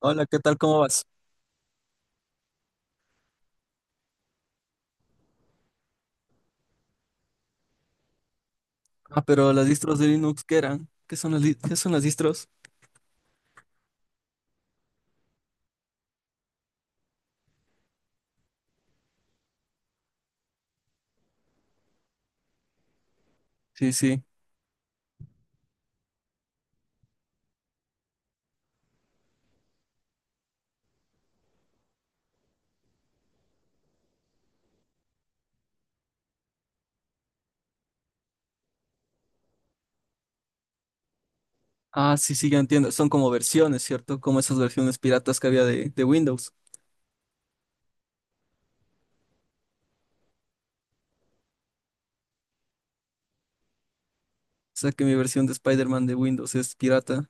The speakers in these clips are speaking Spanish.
Hola, ¿qué tal? ¿Cómo vas? Ah, pero las distros de Linux, ¿qué eran? ¿Qué son las, qué son las distros? Sí, sí. Ah, sí, sí, ya entiendo. Son como versiones, ¿cierto? Como esas versiones piratas que había de Windows. O sea que mi versión de Spider-Man de Windows es pirata.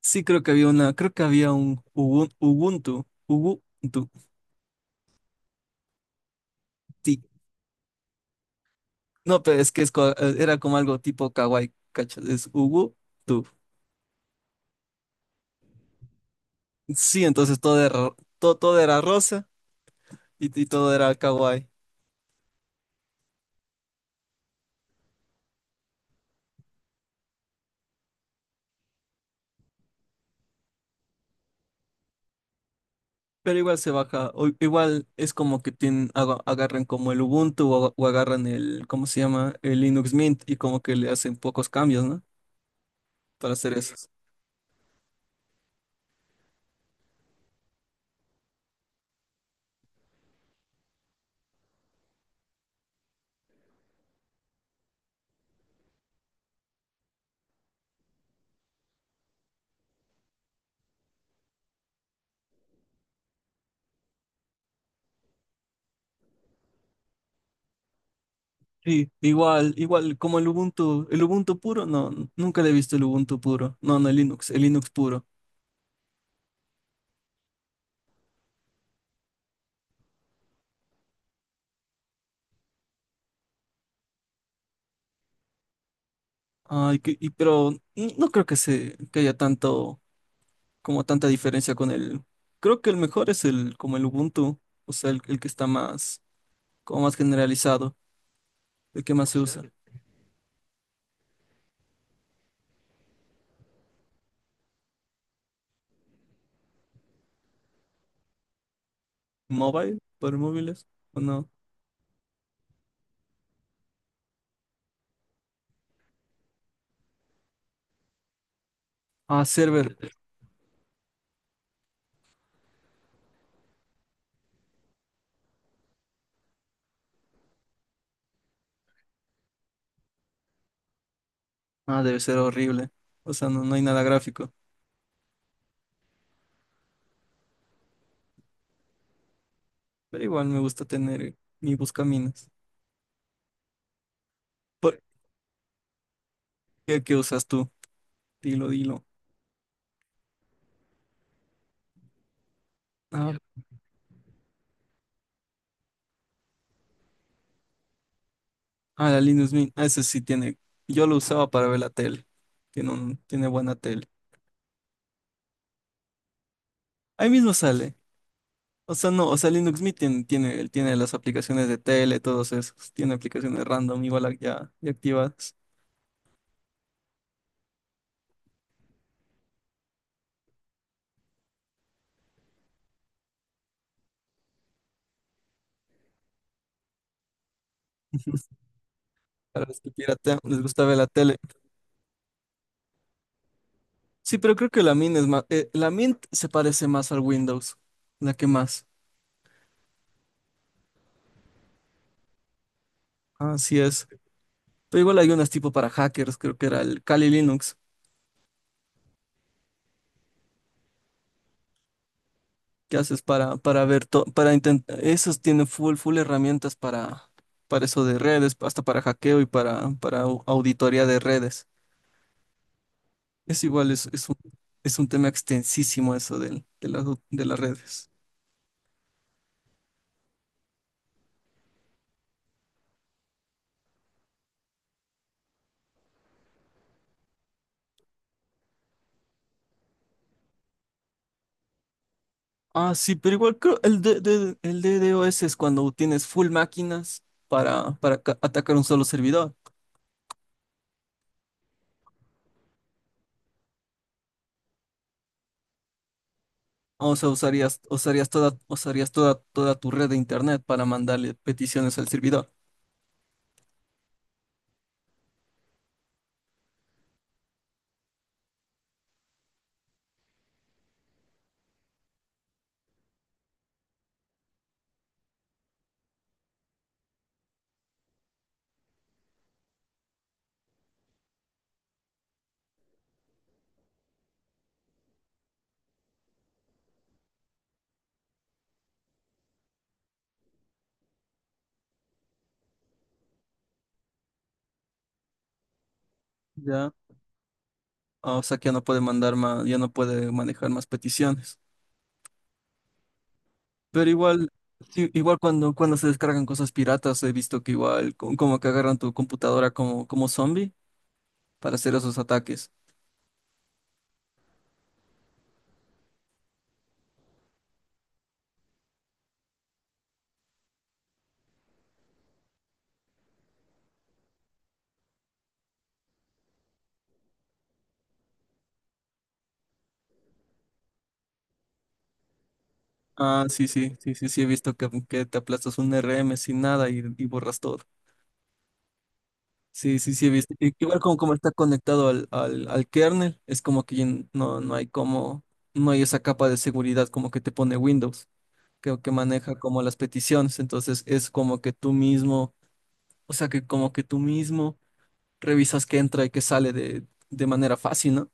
Sí, creo que había una, creo que había un Ubuntu. Ubuntu. Sí. No, pero es que era como algo tipo kawaii, ¿cachas? Es Ubuntu. Sí, entonces todo era rosa y todo era kawaii. Pero igual se baja, o igual es como que tienen, agarran como el Ubuntu o agarran el, ¿cómo se llama? El Linux Mint y como que le hacen pocos cambios, ¿no? Para hacer eso. Sí, igual, igual como el Ubuntu puro, no, nunca le he visto el Ubuntu puro, no, no, el Linux puro. Ay, pero no creo que que haya tanto, como tanta diferencia con el, creo que el mejor es el, como el Ubuntu, o sea, el que está más, como más generalizado, el que más se usa. Mobile, por móviles, o no. Ah, server. Ah, debe ser horrible. O sea, no, no hay nada gráfico. Pero igual me gusta tener mi buscaminas. ¿Por qué, qué usas tú? Dilo, dilo. Ah, ah, la Linux Mint. Ah, ese sí tiene. Yo lo usaba para ver la tele. Tiene un, tiene buena tele. Ahí mismo sale. O sea, no, o sea, Linux Mint tiene las aplicaciones de tele, todos esos. Tiene aplicaciones random, igual ya, ya activadas. Para los que piratean, les gusta ver la tele. Sí, pero creo que la Mint es más. La Mint se parece más al Windows. La que más. Así es. Pero igual hay unas tipo para hackers, creo que era el Kali Linux, que haces para ver todo, para intentar. Esos tienen full, full herramientas para eso de redes, hasta para hackeo y para, auditoría de redes. Es igual, es un tema extensísimo eso de las redes. Ah, sí, pero igual creo el, el DDoS es cuando tienes full máquinas para, atacar un solo servidor. O sea, usarías toda tu red de internet para mandarle peticiones al servidor. Ya, o sea que ya no puede mandar más, ya no puede manejar más peticiones. Pero igual, sí, igual cuando, cuando se descargan cosas piratas, he visto que igual, como que agarran tu computadora como, como zombie para hacer esos ataques. Ah, sí, sí, sí, sí, sí, he visto que te aplastas un RM sin nada y borras todo. Sí, sí, sí, he visto. Y igual como, como está conectado al kernel, es como que ya no, no hay como, no hay esa capa de seguridad como que te pone Windows, que maneja como las peticiones, entonces es como que tú mismo, o sea que como que tú mismo revisas qué entra y qué sale de manera fácil, ¿no?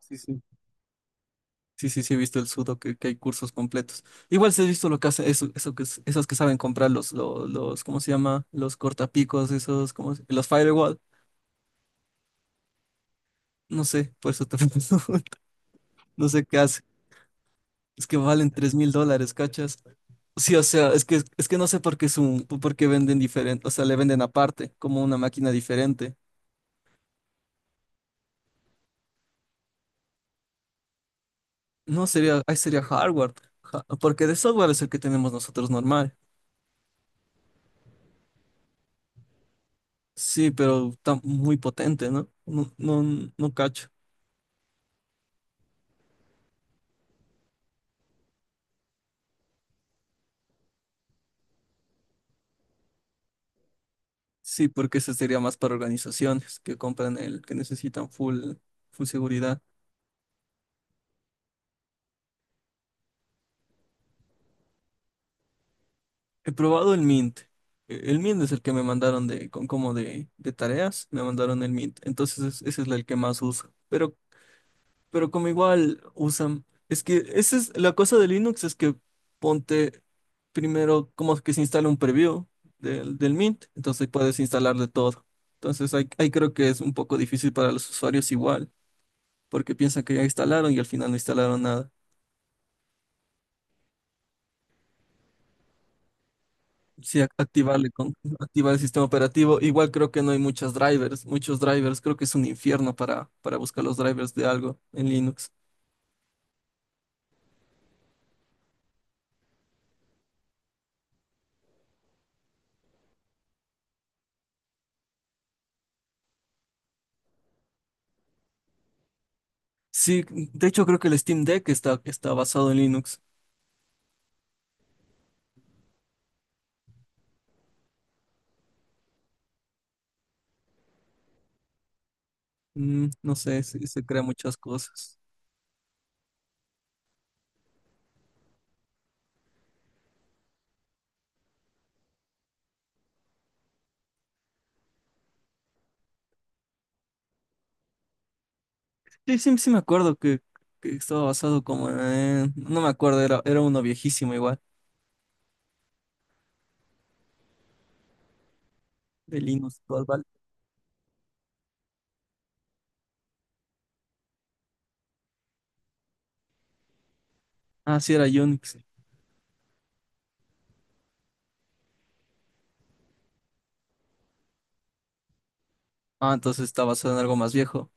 Sí, sí. Sí, sí, sí, he visto el sudo, que hay cursos completos. Igual sí he visto lo que hace, eso que, esos que saben comprar los, los, ¿cómo se llama? Los cortapicos, esos, como los firewall, no sé, por eso te pregunto. No sé qué hace. Es que valen $3000, ¿cachas? Sí, o sea, es que no sé por qué, es un, por qué venden diferente, o sea, le venden aparte, como una máquina diferente. No, sería, ahí sería hardware, porque de software es el que tenemos nosotros normal. Sí, pero está muy potente, ¿no? No, no, no cacho. Sí, porque ese sería más para organizaciones que compran el que necesitan full, full seguridad. He probado el Mint. El Mint es el que me mandaron de, con, como de tareas, me mandaron el Mint. Entonces ese es el que más uso. Pero como igual usan, es que esa es la cosa de Linux, es que ponte primero como que se instala un preview del Mint, entonces puedes instalarle todo. Entonces ahí, ahí creo que es un poco difícil para los usuarios igual, porque piensan que ya instalaron y al final no instalaron nada. Sí, activarle con, activar el sistema operativo. Igual creo que no hay muchas drivers, muchos drivers. Creo que es un infierno para buscar los drivers de algo en Linux. Sí, de hecho creo que el Steam Deck está, está basado en Linux. Mm, no sé, sí, se crean muchas cosas. Sí, sí, sí me acuerdo que estaba basado como en... No me acuerdo, era, era uno viejísimo igual, de Linux Torvald. Ah, sí, era Unix. Ah, entonces está basado en algo más viejo.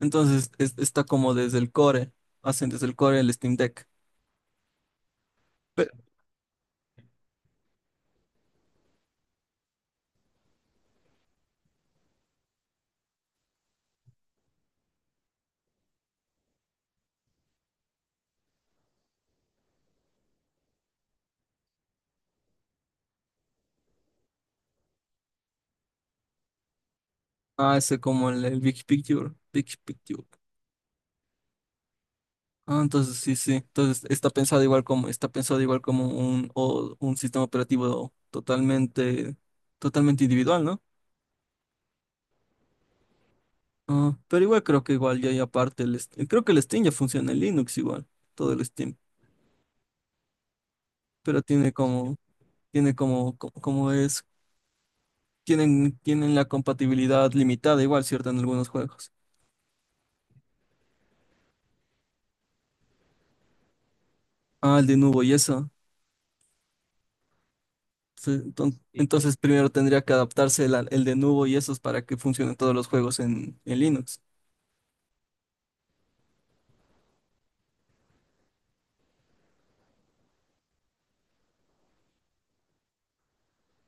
Entonces está como desde el core, hacen desde el core el Steam Deck. Ah, ese como el Big Picture, Big Picture. Ah, entonces sí, sí. Entonces está pensado igual como, está pensado igual como un, un sistema operativo totalmente, totalmente individual, ¿no? Ah, pero igual creo que igual ya hay aparte el Steam. Creo que el Steam ya funciona en Linux igual, todo el Steam. Pero tiene como, tienen, tienen la compatibilidad limitada igual, ¿cierto? En algunos juegos. Ah, el de nuevo y eso. Sí, entonces, primero tendría que adaptarse el de nuevo y esos para que funcionen todos los juegos en Linux.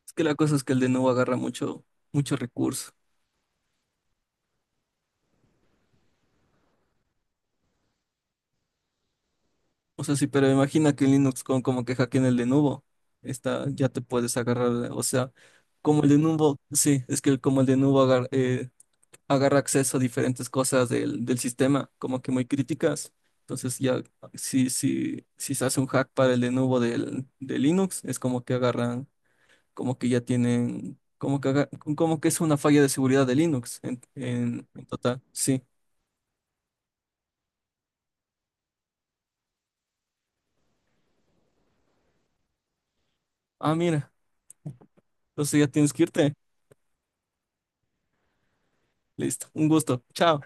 Es que la cosa es que el de nuevo agarra mucho, mucho recurso. O sea, sí, pero imagina que en Linux con como que hackeen el de nuevo, está, ya te puedes agarrar, o sea, como el de nuevo, sí, es que como el de nuevo agarra acceso a diferentes cosas del sistema, como que muy críticas. Entonces ya, si se hace un hack para el de nuevo de Linux, es como que agarran como que ya tienen, como que es una falla de seguridad de Linux en en total. Sí. Ah, mira, entonces ya tienes que irte. Listo, un gusto. Chao.